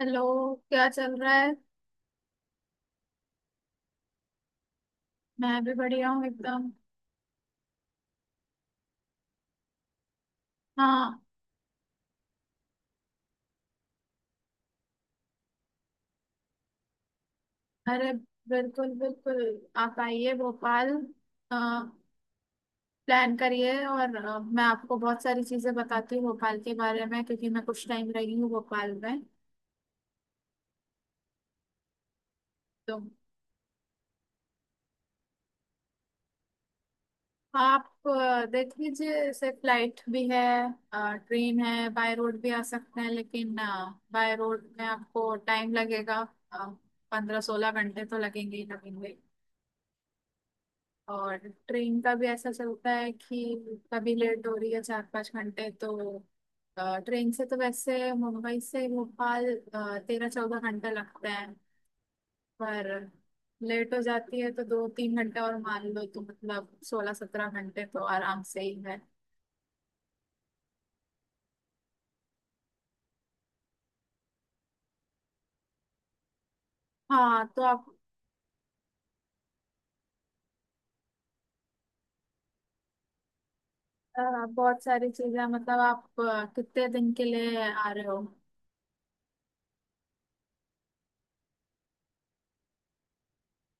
Hello. क्या चल रहा है। मैं भी बढ़िया हूँ एकदम। हाँ। अरे बिल्कुल बिल्कुल, आप आइए भोपाल, प्लान करिए और मैं आपको बहुत सारी चीजें बताती हूँ भोपाल के बारे में क्योंकि मैं कुछ टाइम रही हूँ भोपाल में। तो आप देख लीजिए, जैसे फ्लाइट भी है, ट्रेन है, बाय रोड भी आ सकते हैं लेकिन बाय रोड में आपको टाइम लगेगा। 15-16 घंटे तो लगेंगे ही लगेंगे। और ट्रेन का भी ऐसा चलता है कि कभी लेट हो रही है 4-5 घंटे तो ट्रेन से तो वैसे मुंबई से भोपाल 13-14 घंटे लगते हैं। पर लेट हो जाती है तो 2-3 घंटे और मान लो, तो मतलब 16-17 घंटे तो आराम से ही है। हाँ तो आप अ, बहुत सारी चीजें, मतलब आप कितने दिन के लिए आ रहे हो।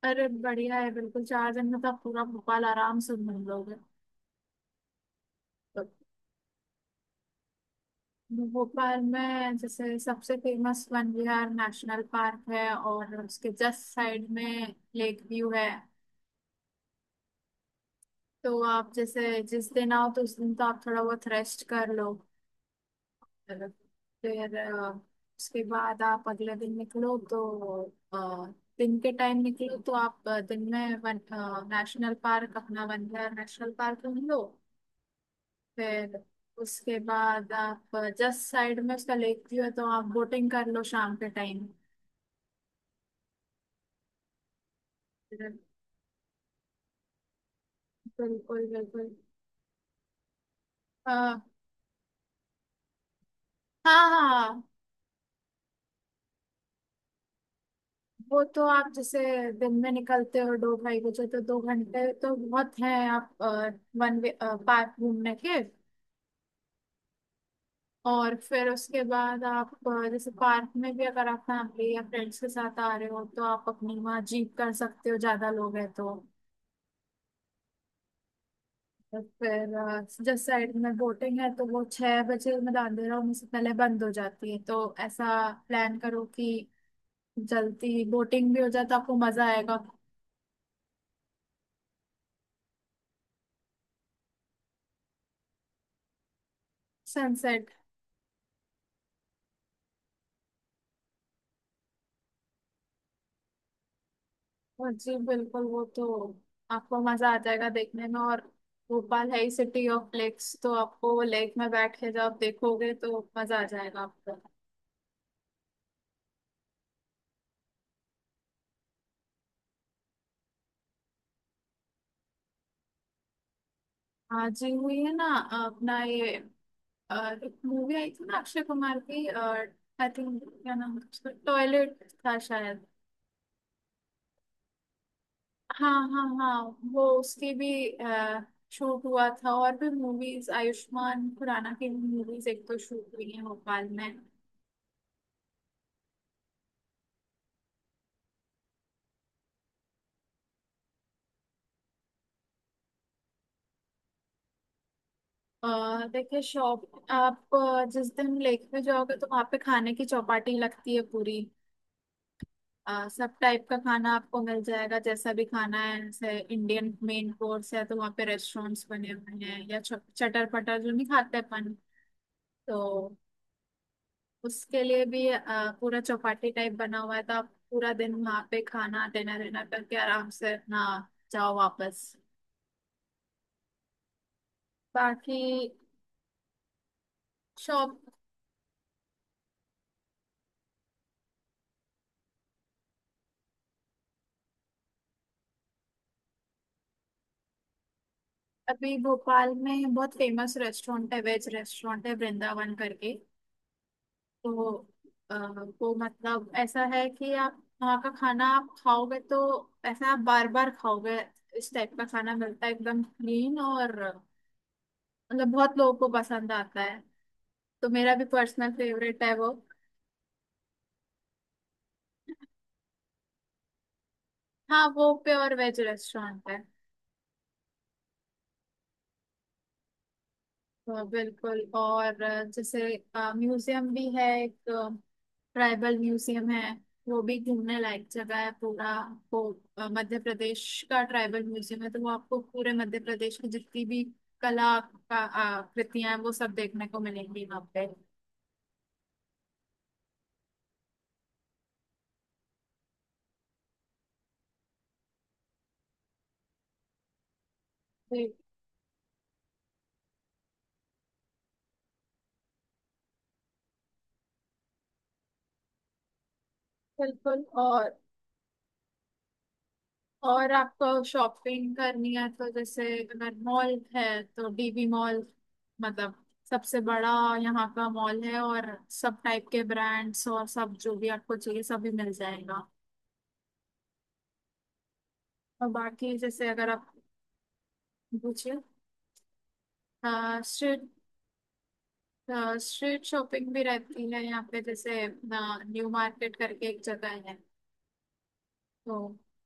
अरे बढ़िया है, बिल्कुल 4 दिन में तो आप पूरा भोपाल आराम से घूम लोगे। भोपाल में जैसे सबसे famous Van Vihar national park है और उसके जस्ट साइड में लेक व्यू है। तो आप जैसे जिस दिन आओ तो उस दिन तो आप थोड़ा बहुत रेस्ट कर लो। फिर उसके बाद आप अगले दिन निकलो तो अ, दिन के टाइम निकलो तो आप दिन में वन नेशनल पार्क अपना वन विहार नेशनल पार्क घूम लो। फिर उसके बाद आप जस्ट साइड में उसका लेक व्यू है तो आप बोटिंग कर लो शाम के टाइम। बिल्कुल बिल्कुल। आ, हाँ हाँ, वो तो आप जैसे दिन में निकलते हो 2-2:30 बजे, तो 2 घंटे तो बहुत हैं आप वन वे पार्क घूमने के। और फिर उसके बाद आप जैसे पार्क में भी अगर आप फैमिली या फ्रेंड्स के साथ आ रहे हो तो आप अपनी वहाँ जीप कर सकते हो, ज्यादा लोग हैं तो। और फिर जिस साइड में बोटिंग है तो वो 6 बजे मतलब अंधेरा होने से पहले बंद हो जाती है, तो ऐसा प्लान करो कि जल्दी बोटिंग भी हो जाए तो आपको मजा आएगा। सनसेट। हाँ जी बिल्कुल, वो तो आपको मजा आ जाएगा देखने में। और भोपाल है ही सिटी ऑफ लेक्स, तो आपको वो लेक में बैठ के जब आप देखोगे तो मजा आ जाएगा आपको। हाँ जी हुई है ना। अपना ये अ, एक मूवी आई थी ना अक्षय कुमार की, आई थिंक क्या नाम था उसका, टॉयलेट था शायद। हाँ हाँ हाँ। वो उसकी भी शूट हुआ था, और भी मूवीज, आयुष्मान खुराना की मूवीज एक तो शूट हुई है भोपाल में। देखिए शॉप, आप जिस दिन लेक में जाओगे तो वहाँ पे खाने की चौपाटी लगती है पूरी। सब टाइप का खाना आपको मिल जाएगा, जैसा भी खाना है, जैसे इंडियन मेन कोर्स है तो वहाँ पे रेस्टोरेंट्स बने हुए हैं, या चटर पटर जो नहीं खाते अपन तो उसके लिए भी पूरा चौपाटी टाइप बना हुआ है। तो आप पूरा दिन वहाँ पे खाना डिनर डिनर करके आराम से अपना जाओ वापस। बाकी शॉप, अभी भोपाल में बहुत फेमस रेस्टोरेंट है, वेज रेस्टोरेंट है वृंदावन करके। तो अ, वो मतलब ऐसा है कि आप वहाँ का खाना आप खाओगे तो ऐसा आप बार बार खाओगे। इस टाइप का खाना मिलता है एकदम क्लीन और मतलब बहुत लोगों को पसंद आता है, तो मेरा भी पर्सनल फेवरेट है वो। हाँ वो प्योर वेज रेस्टोरेंट है। हाँ, बिल्कुल। और जैसे म्यूजियम भी है एक, ट्राइबल म्यूजियम है। वो भी घूमने लायक जगह है पूरा। वो मध्य प्रदेश का ट्राइबल म्यूजियम है, तो वो आपको पूरे मध्य प्रदेश की जितनी भी कला का कृतियां हैं वो सब देखने को मिलेंगी वहाँ पे। जी, बिल्कुल। और आपको शॉपिंग करनी है तो जैसे अगर मॉल है तो डीवी मॉल, मतलब सबसे बड़ा यहाँ का मॉल है, और सब टाइप के ब्रांड्स और सब जो भी आपको चाहिए सभी मिल जाएगा। और बाकी जैसे अगर आप पूछिए, स्ट्रीट स्ट्रीट शॉपिंग भी रहती है यहाँ पे, जैसे न्यू मार्केट करके एक जगह है। तो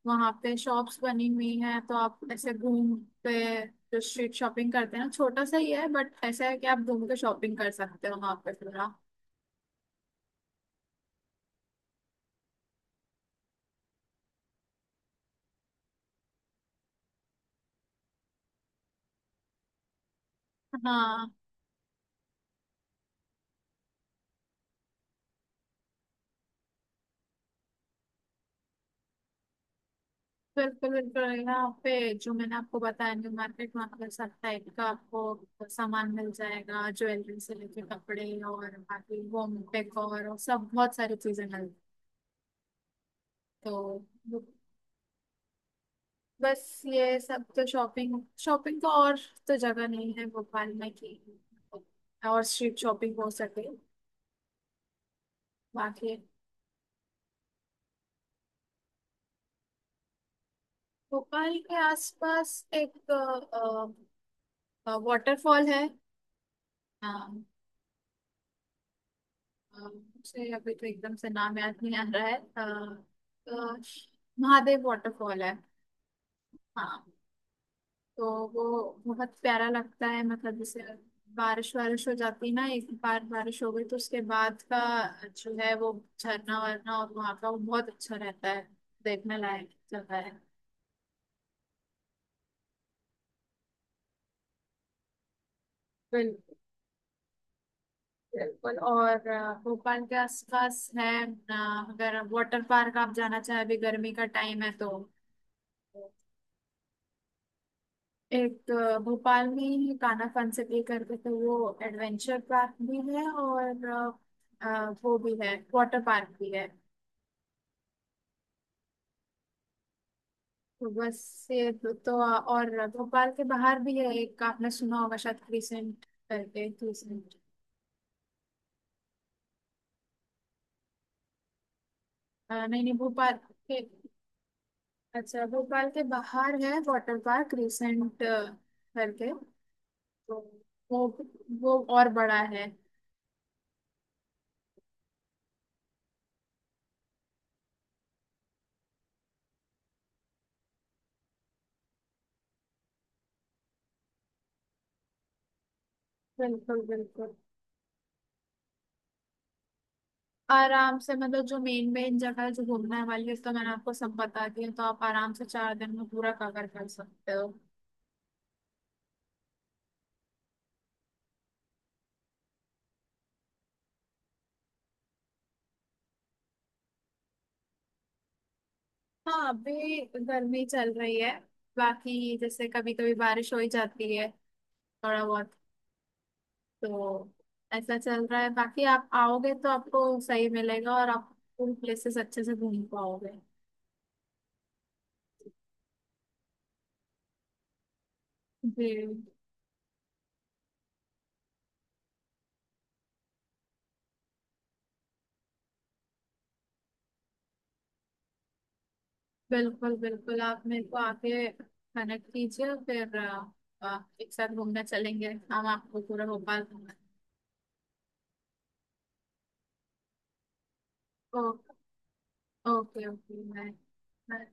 वहां पे शॉप्स बनी हुई हैं, तो आप ऐसे घूम पे, जो स्ट्रीट शॉपिंग करते हैं ना, छोटा सा ही है बट ऐसा है कि आप घूम के शॉपिंग कर सकते हो वहां पे पूरा। हाँ बिल्कुल बिल्कुल, यहाँ पे जो मैंने आपको बताया न्यू मार्केट, वहाँ पे सब टाइप का आपको सामान मिल जाएगा, ज्वेलरी से लेके कपड़े और बाकी होम डेकोर और सब बहुत सारी चीजें मिल। तो बस ये सब तो, शॉपिंग शॉपिंग तो और तो जगह नहीं है भोपाल में कि और स्ट्रीट शॉपिंग हो सके। बाकी भोपाल के आसपास एक वाटरफॉल है। हाँ, मुझे अभी तो एकदम से नाम याद नहीं आ रहा है, अ, महादेव वाटरफॉल है। हाँ। तो वो बहुत प्यारा लगता है, मतलब जैसे बारिश वारिश हो जाती है ना, एक बार बारिश हो गई तो उसके बाद का जो है वो झरना वरना और वहाँ का वो बहुत अच्छा रहता है। देखने लायक जगह है। बिल्कुल बिल्कुल। और भोपाल के आसपास है, अगर वाटर पार्क आप जाना चाहे अभी गर्मी का टाइम है तो एक भोपाल में ही कान्हा फनसिटी करके, तो वो एडवेंचर पार्क भी है और वो भी है, वाटर पार्क भी है। बस ये और भोपाल के बाहर भी है एक, आपने सुना होगा शायद क्रिसेंट करके, क्रिसेंट। नहीं नहीं भोपाल के, अच्छा भोपाल के बाहर है वाटर पार्क क्रिसेंट करके। तो वो और बड़ा है। बिल्कुल बिल्कुल। आराम से, मतलब जो मेन मेन जगह है जो घूमने वाली है तो मैंने आपको सब बता दिया, तो आप आराम से 4 दिन में पूरा कवर कर सकते हो। हाँ अभी गर्मी चल रही है, बाकी जैसे कभी कभी बारिश हो ही जाती है थोड़ा बहुत। तो ऐसा चल रहा है। बाकी आप आओगे तो आपको सही मिलेगा और आप उन प्लेसेस अच्छे से घूम पाओगे। जी। बिल्कुल बिल्कुल, आप मेरे को आके कनेक्ट कीजिए फिर एक साथ घूमने चलेंगे, हम आपको पूरा भोपाल घुमाएं। Oh okay okay. बाय।